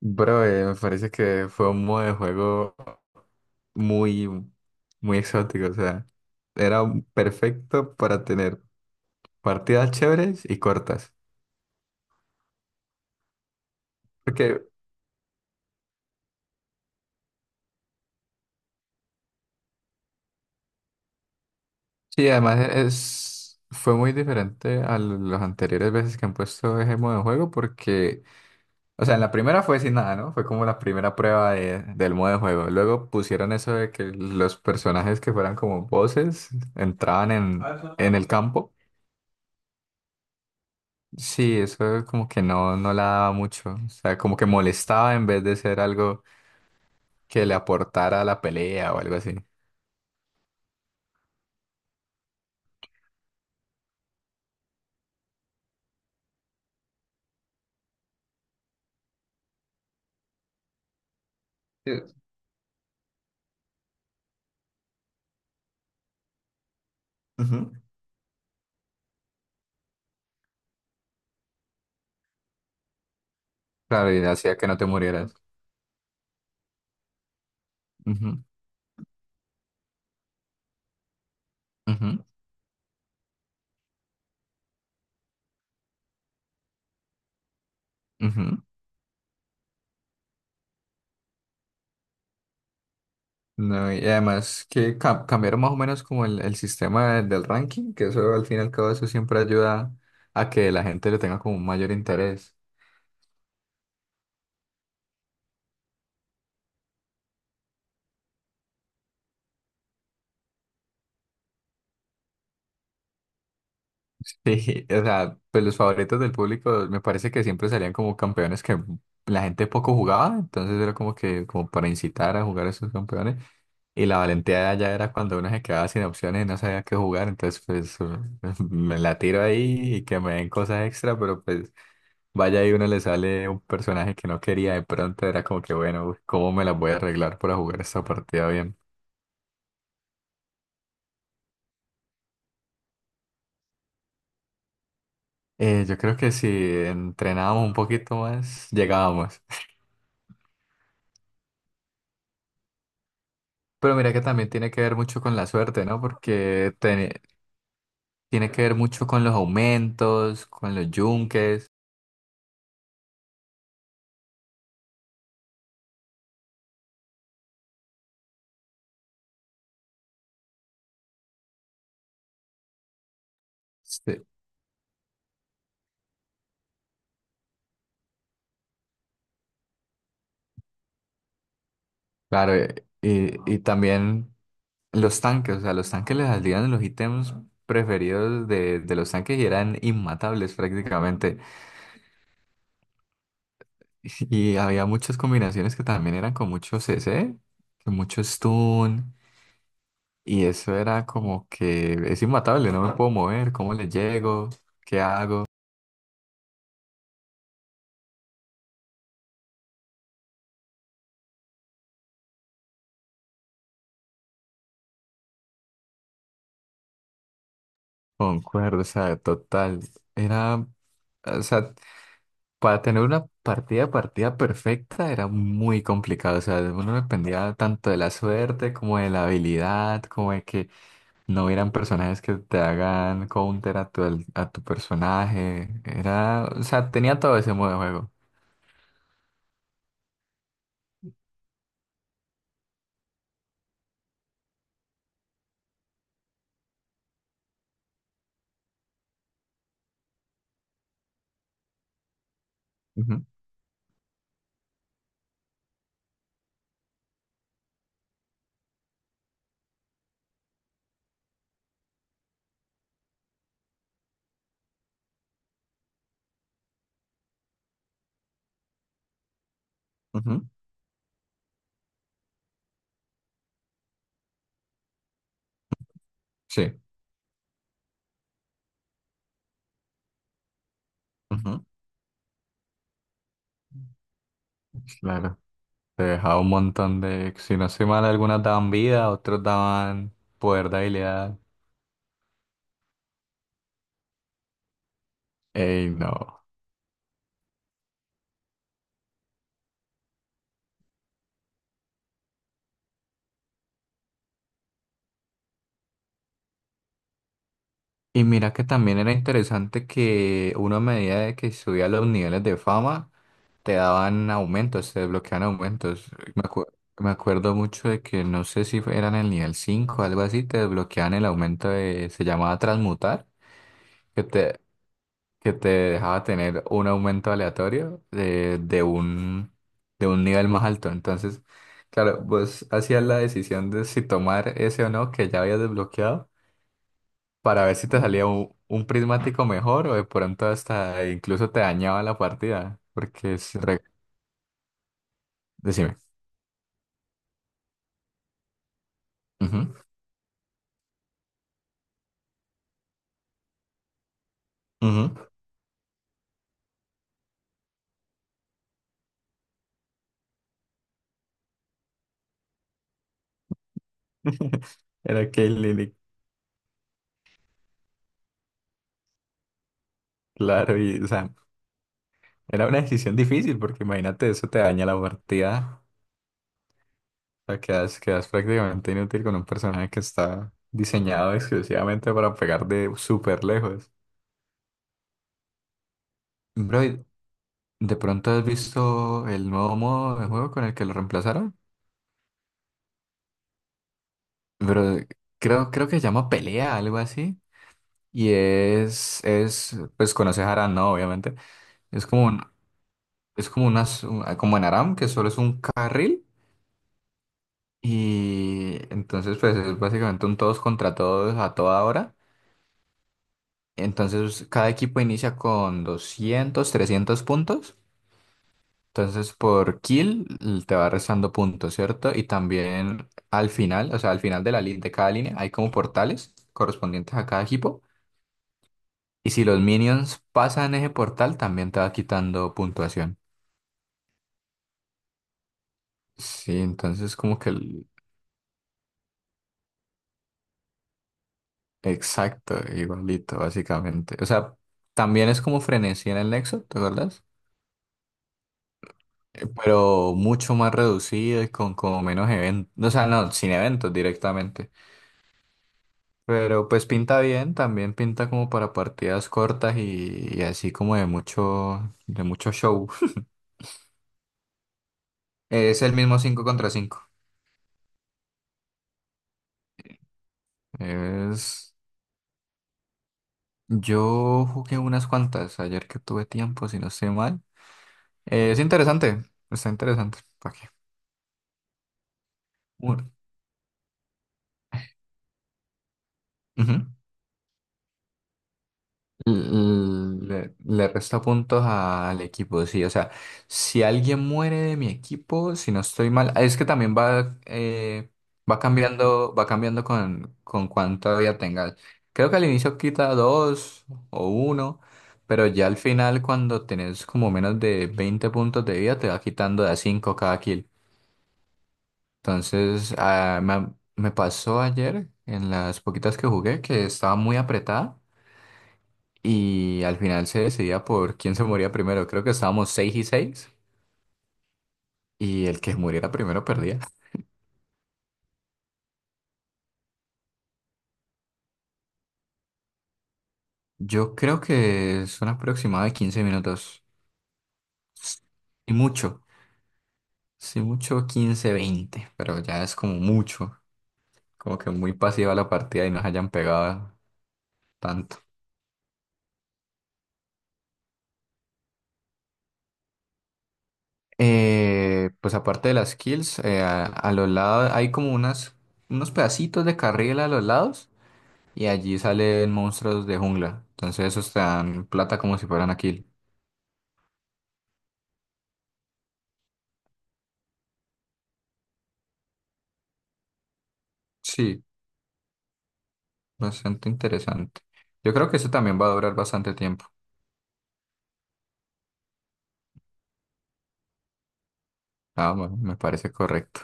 Bro, me parece que fue un modo de juego muy, muy exótico. O sea, era perfecto para tener partidas chéveres y cortas. Porque sí, además fue muy diferente a las anteriores veces que han puesto ese modo de juego. Porque, o sea, en la primera fue sin nada, ¿no? Fue como la primera prueba del modo de juego. Luego pusieron eso de que los personajes que fueran como voces entraban en el campo. Sí, eso como que no, no la daba mucho. O sea, como que molestaba en vez de ser algo que le aportara a la pelea o algo así. Sí. Ujú. Claro, y hacía que no te murieras. Ujú, ujú, ujú. No, y además que cambiaron más o menos como el sistema del ranking, que eso al fin y al cabo eso siempre ayuda a que la gente le tenga como un mayor interés. Sí, o sea, pues los favoritos del público me parece que siempre salían como campeones que la gente poco jugaba, entonces era como que como para incitar a jugar a esos campeones y la valentía ya era cuando uno se quedaba sin opciones y no sabía qué jugar, entonces pues me la tiro ahí y que me den cosas extra, pero pues vaya y uno le sale un personaje que no quería, de pronto era como que bueno, uy, ¿cómo me las voy a arreglar para jugar esta partida bien? Yo creo que si entrenábamos un poquito más, llegábamos. Pero mira que también tiene que ver mucho con la suerte, ¿no? Porque tiene, tiene que ver mucho con los aumentos, con los yunques, este, claro, y también los tanques, o sea, los tanques les salían los ítems preferidos de los tanques y eran inmatables prácticamente. Y había muchas combinaciones que también eran con mucho c C, con mucho stun, y eso era como que es inmatable, no me puedo mover, ¿cómo le llego? ¿Qué hago? Concuerdo, o sea, total. Era, o sea, para tener una partida, partida perfecta era muy complicado. O sea, uno dependía tanto de la suerte como de la habilidad, como de que no hubieran personajes que te hagan counter a tu, a tu personaje. Era, o sea, tenía todo ese modo de juego. Ujú, ujú, sí, ujú, claro. Te dejaba un montón de, si no soy mal, algunas daban vida, otros daban poder de habilidad. Ey, no. Y mira que también era interesante que uno a medida de que subía los niveles de fama, te daban aumentos, te desbloqueaban aumentos. Me acu- Me acuerdo mucho de que no sé si eran el nivel 5 o algo así, te desbloqueaban el aumento de, se llamaba transmutar, que te, que te dejaba tener un aumento aleatorio de un nivel más alto. Entonces, claro, vos hacías la decisión de si tomar ese o no que ya habías desbloqueado para ver si te salía un prismático mejor o de pronto hasta incluso te dañaba la partida, porque Decime. Ujú, ujú. Era Caitlyn, claro, y o sea, era una decisión difícil porque imagínate, eso te daña la partida, o sea, quedas, quedas prácticamente inútil con un personaje que está diseñado exclusivamente para pegar de súper lejos. Bro, ¿de pronto has visto el nuevo modo de juego con el que lo reemplazaron? Pero creo que se llama pelea, algo así. Y pues conoces Aram, ¿no? Obviamente. Es como un, es como en Aram, que solo es un carril. Y entonces, pues es básicamente un todos contra todos a toda hora. Entonces, cada equipo inicia con 200 300 puntos. Entonces, por kill te va restando puntos, ¿cierto? Y también al final, o sea, al final de de cada línea hay como portales correspondientes a cada equipo. Y si los minions pasan ese portal, también te va quitando puntuación. Sí, entonces como que el exacto, igualito, básicamente. O sea, también es como frenesí en el Nexo, ¿te acuerdas? Pero mucho más reducido y con como menos eventos. O sea, no, sin eventos directamente. Pero pues pinta bien, también pinta como para partidas cortas y así como de mucho show. Es el mismo 5 contra cinco. Es... Yo jugué unas cuantas ayer que tuve tiempo, si no estoy mal. Es interesante, está interesante. ¿Para qué? Bueno, ujú. Le resta puntos al equipo, sí. O sea, si alguien muere de mi equipo, si no estoy mal, es que también va, va cambiando con cuánta vida tengas. Creo que al inicio quita 2 o 1, pero ya al final, cuando tenés como menos de 20 puntos de vida, te va quitando de a 5 cada kill. Entonces, ah, me pasó ayer en las poquitas que jugué que estaba muy apretada. Y al final se decidía por quién se moría primero. Creo que estábamos 6-6 y el que muriera primero perdía. Yo creo que son aproximadamente de 15 minutos. Y mucho. Sí, mucho 15, 20 pero ya es como mucho. Como que muy pasiva la partida y nos hayan pegado tanto. Pues aparte de las kills, a los lados hay como unas, unos pedacitos de carril a los lados y allí salen monstruos de jungla. Entonces esos te dan plata como si fueran aquí. Sí, bastante interesante. Yo creo que eso también va a durar bastante tiempo. Ah, bueno, me parece correcto.